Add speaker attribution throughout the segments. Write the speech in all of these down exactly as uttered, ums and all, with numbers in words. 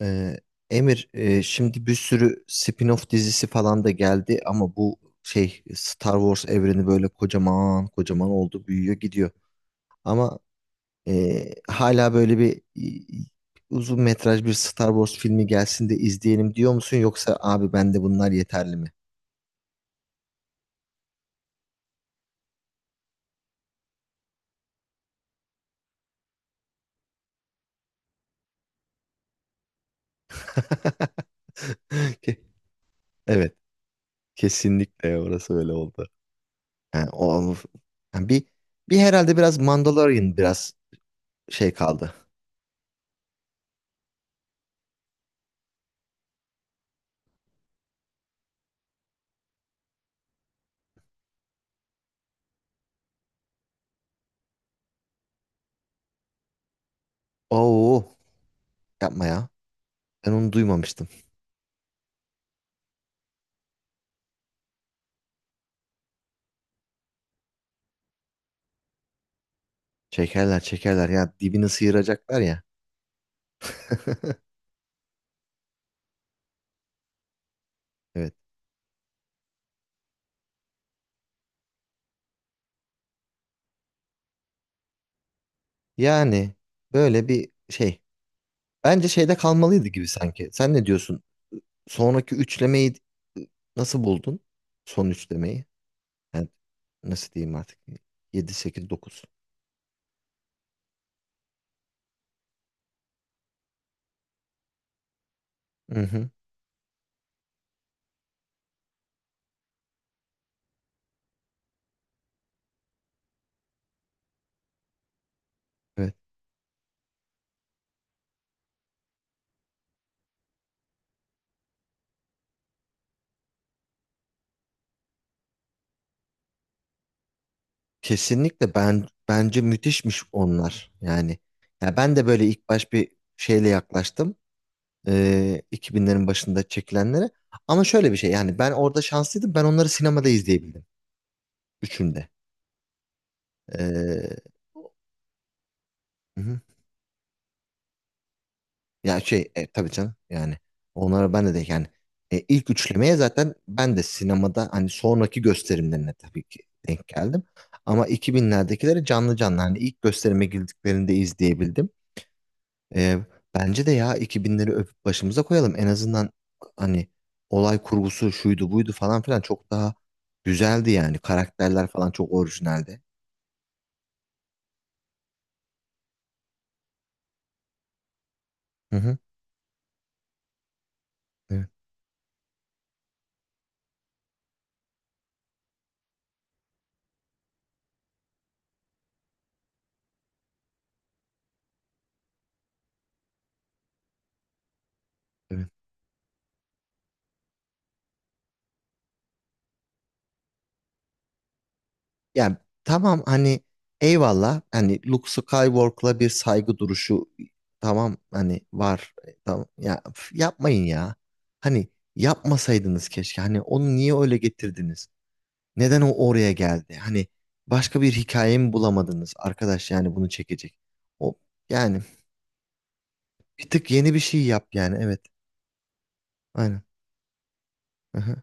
Speaker 1: Ee, Emir, e, şimdi bir sürü spin-off dizisi falan da geldi, ama bu şey Star Wars evreni böyle kocaman kocaman oldu, büyüyor, gidiyor. Ama e, hala böyle bir e, uzun metraj bir Star Wars filmi gelsin de izleyelim diyor musun, yoksa abi ben de bunlar yeterli mi? Ke- Evet, kesinlikle orası öyle oldu. Yani o, yani bir bir herhalde biraz Mandalorian biraz şey kaldı. Oo, yapma ya. Ben onu duymamıştım. Çekerler çekerler ya, dibini sıyıracaklar ya. Evet. Yani böyle bir şey. Bence şeyde kalmalıydı gibi sanki. Sen ne diyorsun? Sonraki üçlemeyi nasıl buldun? Son üçlemeyi. Yani nasıl diyeyim artık? Yedi, sekiz, dokuz. Hı hı. Evet. Kesinlikle, ben bence müthişmiş onlar. Yani ya ben de böyle ilk baş bir şeyle yaklaştım. Ee, iki binlerin başında çekilenlere. Ama şöyle bir şey, yani ben orada şanslıydım. Ben onları sinemada izleyebildim. Üçünde. Ee, hı hı. Ya şey, e, tabii canım, yani onlara ben de de yani, e, ilk üçlemeye zaten ben de sinemada, hani sonraki gösterimlerine tabii ki denk geldim. Ama iki binlerdekileri canlı canlı, hani ilk gösterime girdiklerinde izleyebildim. Ee, Bence de ya iki binleri öpüp başımıza koyalım. En azından hani olay kurgusu şuydu buydu falan filan çok daha güzeldi yani. Karakterler falan çok orijinaldi. Hı hı. Evet, evet. Yani tamam, hani eyvallah, hani Luke Skywalker'la bir saygı duruşu, tamam hani var. E, tamam ya, üf, yapmayın ya. Hani yapmasaydınız keşke. Hani onu niye öyle getirdiniz? Neden o oraya geldi? Hani başka bir hikaye mi bulamadınız arkadaş, yani bunu çekecek. O Yani bir tık yeni bir şey yap, yani evet. Aynen. Hı hı.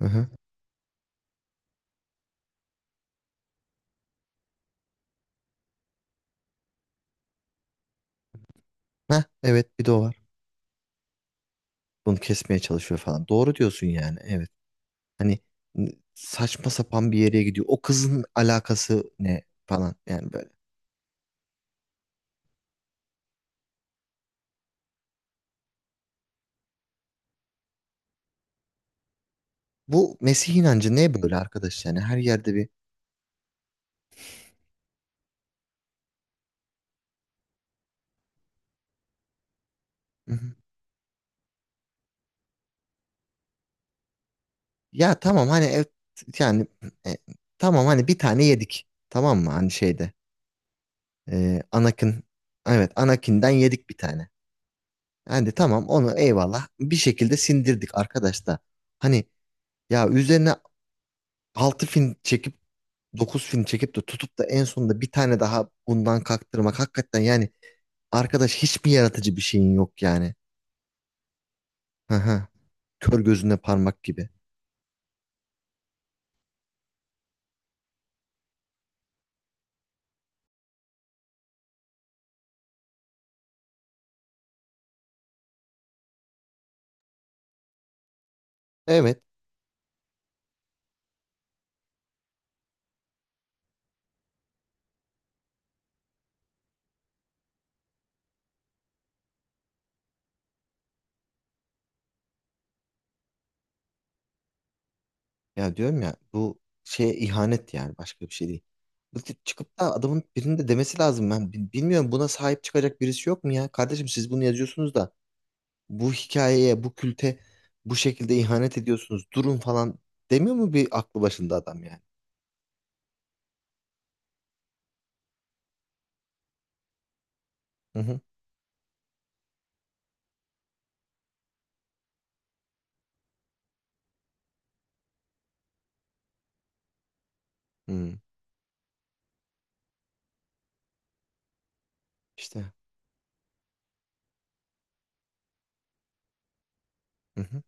Speaker 1: Hı hı. Heh, evet, bir de o var. Bunu kesmeye çalışıyor falan. Doğru diyorsun yani. Evet. Hani saçma sapan bir yere gidiyor. O kızın alakası ne falan, yani böyle. Bu Mesih inancı ne böyle arkadaş, yani her yerde bir. Hı hı. Ya tamam, hani evet, yani e, tamam hani bir tane yedik, tamam mı, hani şeyde e, Anakin. Evet, Anakin'den yedik bir tane. Yani tamam, onu eyvallah bir şekilde sindirdik arkadaş da. Hani ya üzerine altı film çekip, dokuz film çekip de tutup da en sonunda bir tane daha bundan kaktırmak, hakikaten yani. Arkadaş, hiçbir yaratıcı bir şeyin yok yani. Hı hı. Kör gözüne parmak gibi. Evet. Ya diyorum ya, bu şeye ihanet, yani başka bir şey değil. Bu tip çıkıp da adamın birinin de demesi lazım. Ben bi- bilmiyorum, buna sahip çıkacak birisi yok mu ya? Kardeşim, siz bunu yazıyorsunuz da bu hikayeye, bu külte bu şekilde ihanet ediyorsunuz. Durun falan demiyor mu bir aklı başında adam yani? Hı hı. Hı. İşte. Hı hı.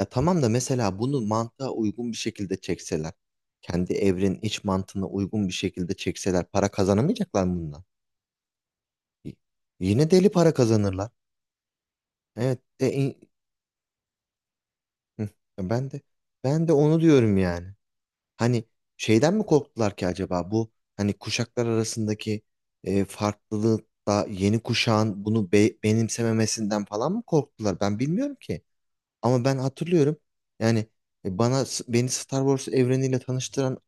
Speaker 1: E, tamam da mesela bunu mantığa uygun bir şekilde çekseler, kendi evrenin iç mantığına uygun bir şekilde çekseler, para kazanamayacaklar mı bundan? Y- Yine deli para kazanırlar. Evet, de, in- Hı, ben de ben de onu diyorum yani. Hani şeyden mi korktular ki acaba, bu hani kuşaklar arasındaki e, farklılıkta yeni kuşağın bunu be- benimsememesinden falan mı korktular? Ben bilmiyorum ki. Ama ben hatırlıyorum. Yani e, Bana beni Star Wars evreniyle tanıştıran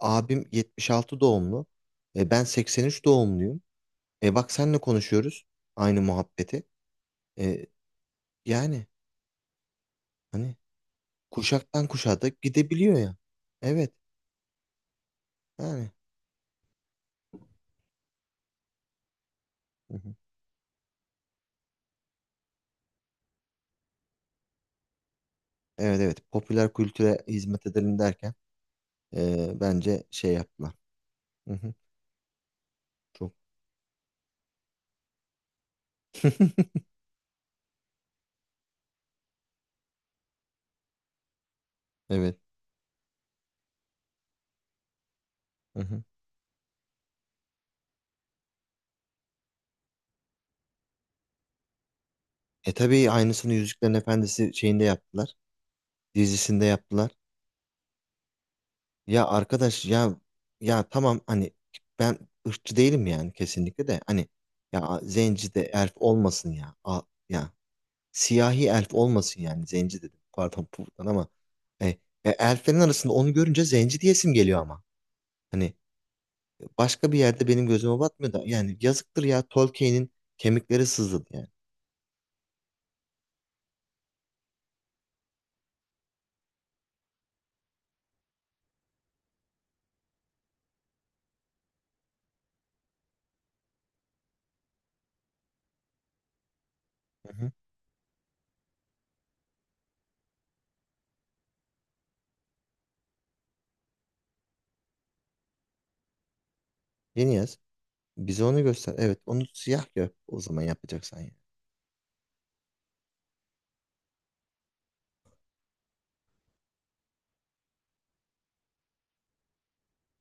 Speaker 1: abim yetmiş altı doğumlu. E, ben seksen üç doğumluyum. E bak, senle konuşuyoruz aynı muhabbeti. E, Yani hani kuşaktan kuşağa da gidebiliyor ya. Evet yani. Hı hı. Evet, evet, popüler kültüre hizmet edelim derken e, bence şey yaptılar. Hı hı. Çok. Evet. Hı hı. E tabii, aynısını Yüzüklerin Efendisi şeyinde yaptılar. Dizisinde yaptılar. Ya arkadaş ya, ya tamam hani, ben ırkçı değilim yani, kesinlikle de hani ya zenci de elf olmasın ya. A- ya, siyahi elf olmasın, yani zenci dedim, pardon buradan, ama e, e, elflerin arasında onu görünce zenci diyesim geliyor ama. Hani başka bir yerde benim gözüme batmıyor da, yani yazıktır ya, Tolkien'in kemikleri sızladı yani. Hı hı. Yeni yaz. Bize onu göster. Evet, onu siyah yap o zaman, yapacaksan ya.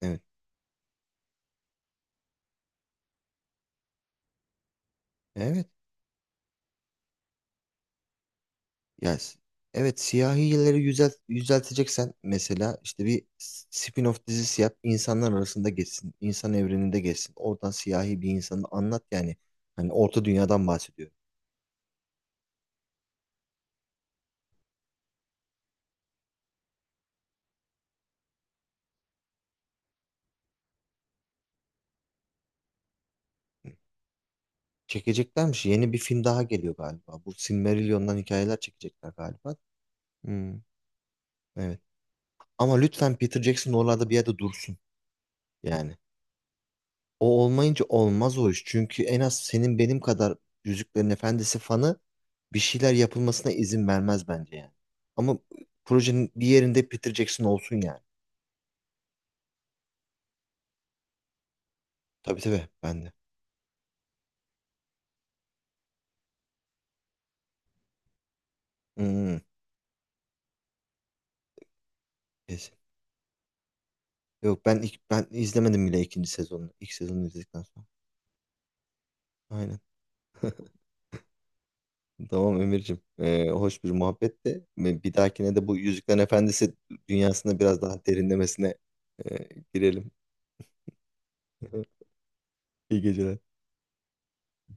Speaker 1: Evet. Evet. Yaz. Evet, siyahileri yüzelt yüzelteceksen, mesela işte bir s- spin-off dizisi yap. İnsanlar arasında geçsin. İnsan evreninde geçsin. Oradan siyahi bir insanı anlat yani. Hani Orta Dünya'dan bahsediyor. Çekeceklermiş. Yeni bir film daha geliyor galiba. Bu Silmarillion'dan hikayeler çekecekler galiba. Hmm, evet. Ama lütfen Peter Jackson oralarda bir yerde dursun. Yani. O olmayınca olmaz o iş. Çünkü en az senin benim kadar Yüzüklerin Efendisi fanı, bir şeyler yapılmasına izin vermez bence yani. Ama projenin bir yerinde Peter Jackson olsun yani. Tabii tabii, ben de. Hmm, kesin. Yok, ben ilk, ben izlemedim bile ikinci sezonunu. İlk sezonu izledikten sonra. Aynen. Tamam Emir'cim. Ee, hoş bir muhabbetti. Bir dahakine de bu Yüzüklerin Efendisi dünyasına biraz daha derinlemesine e, girelim. İyi geceler.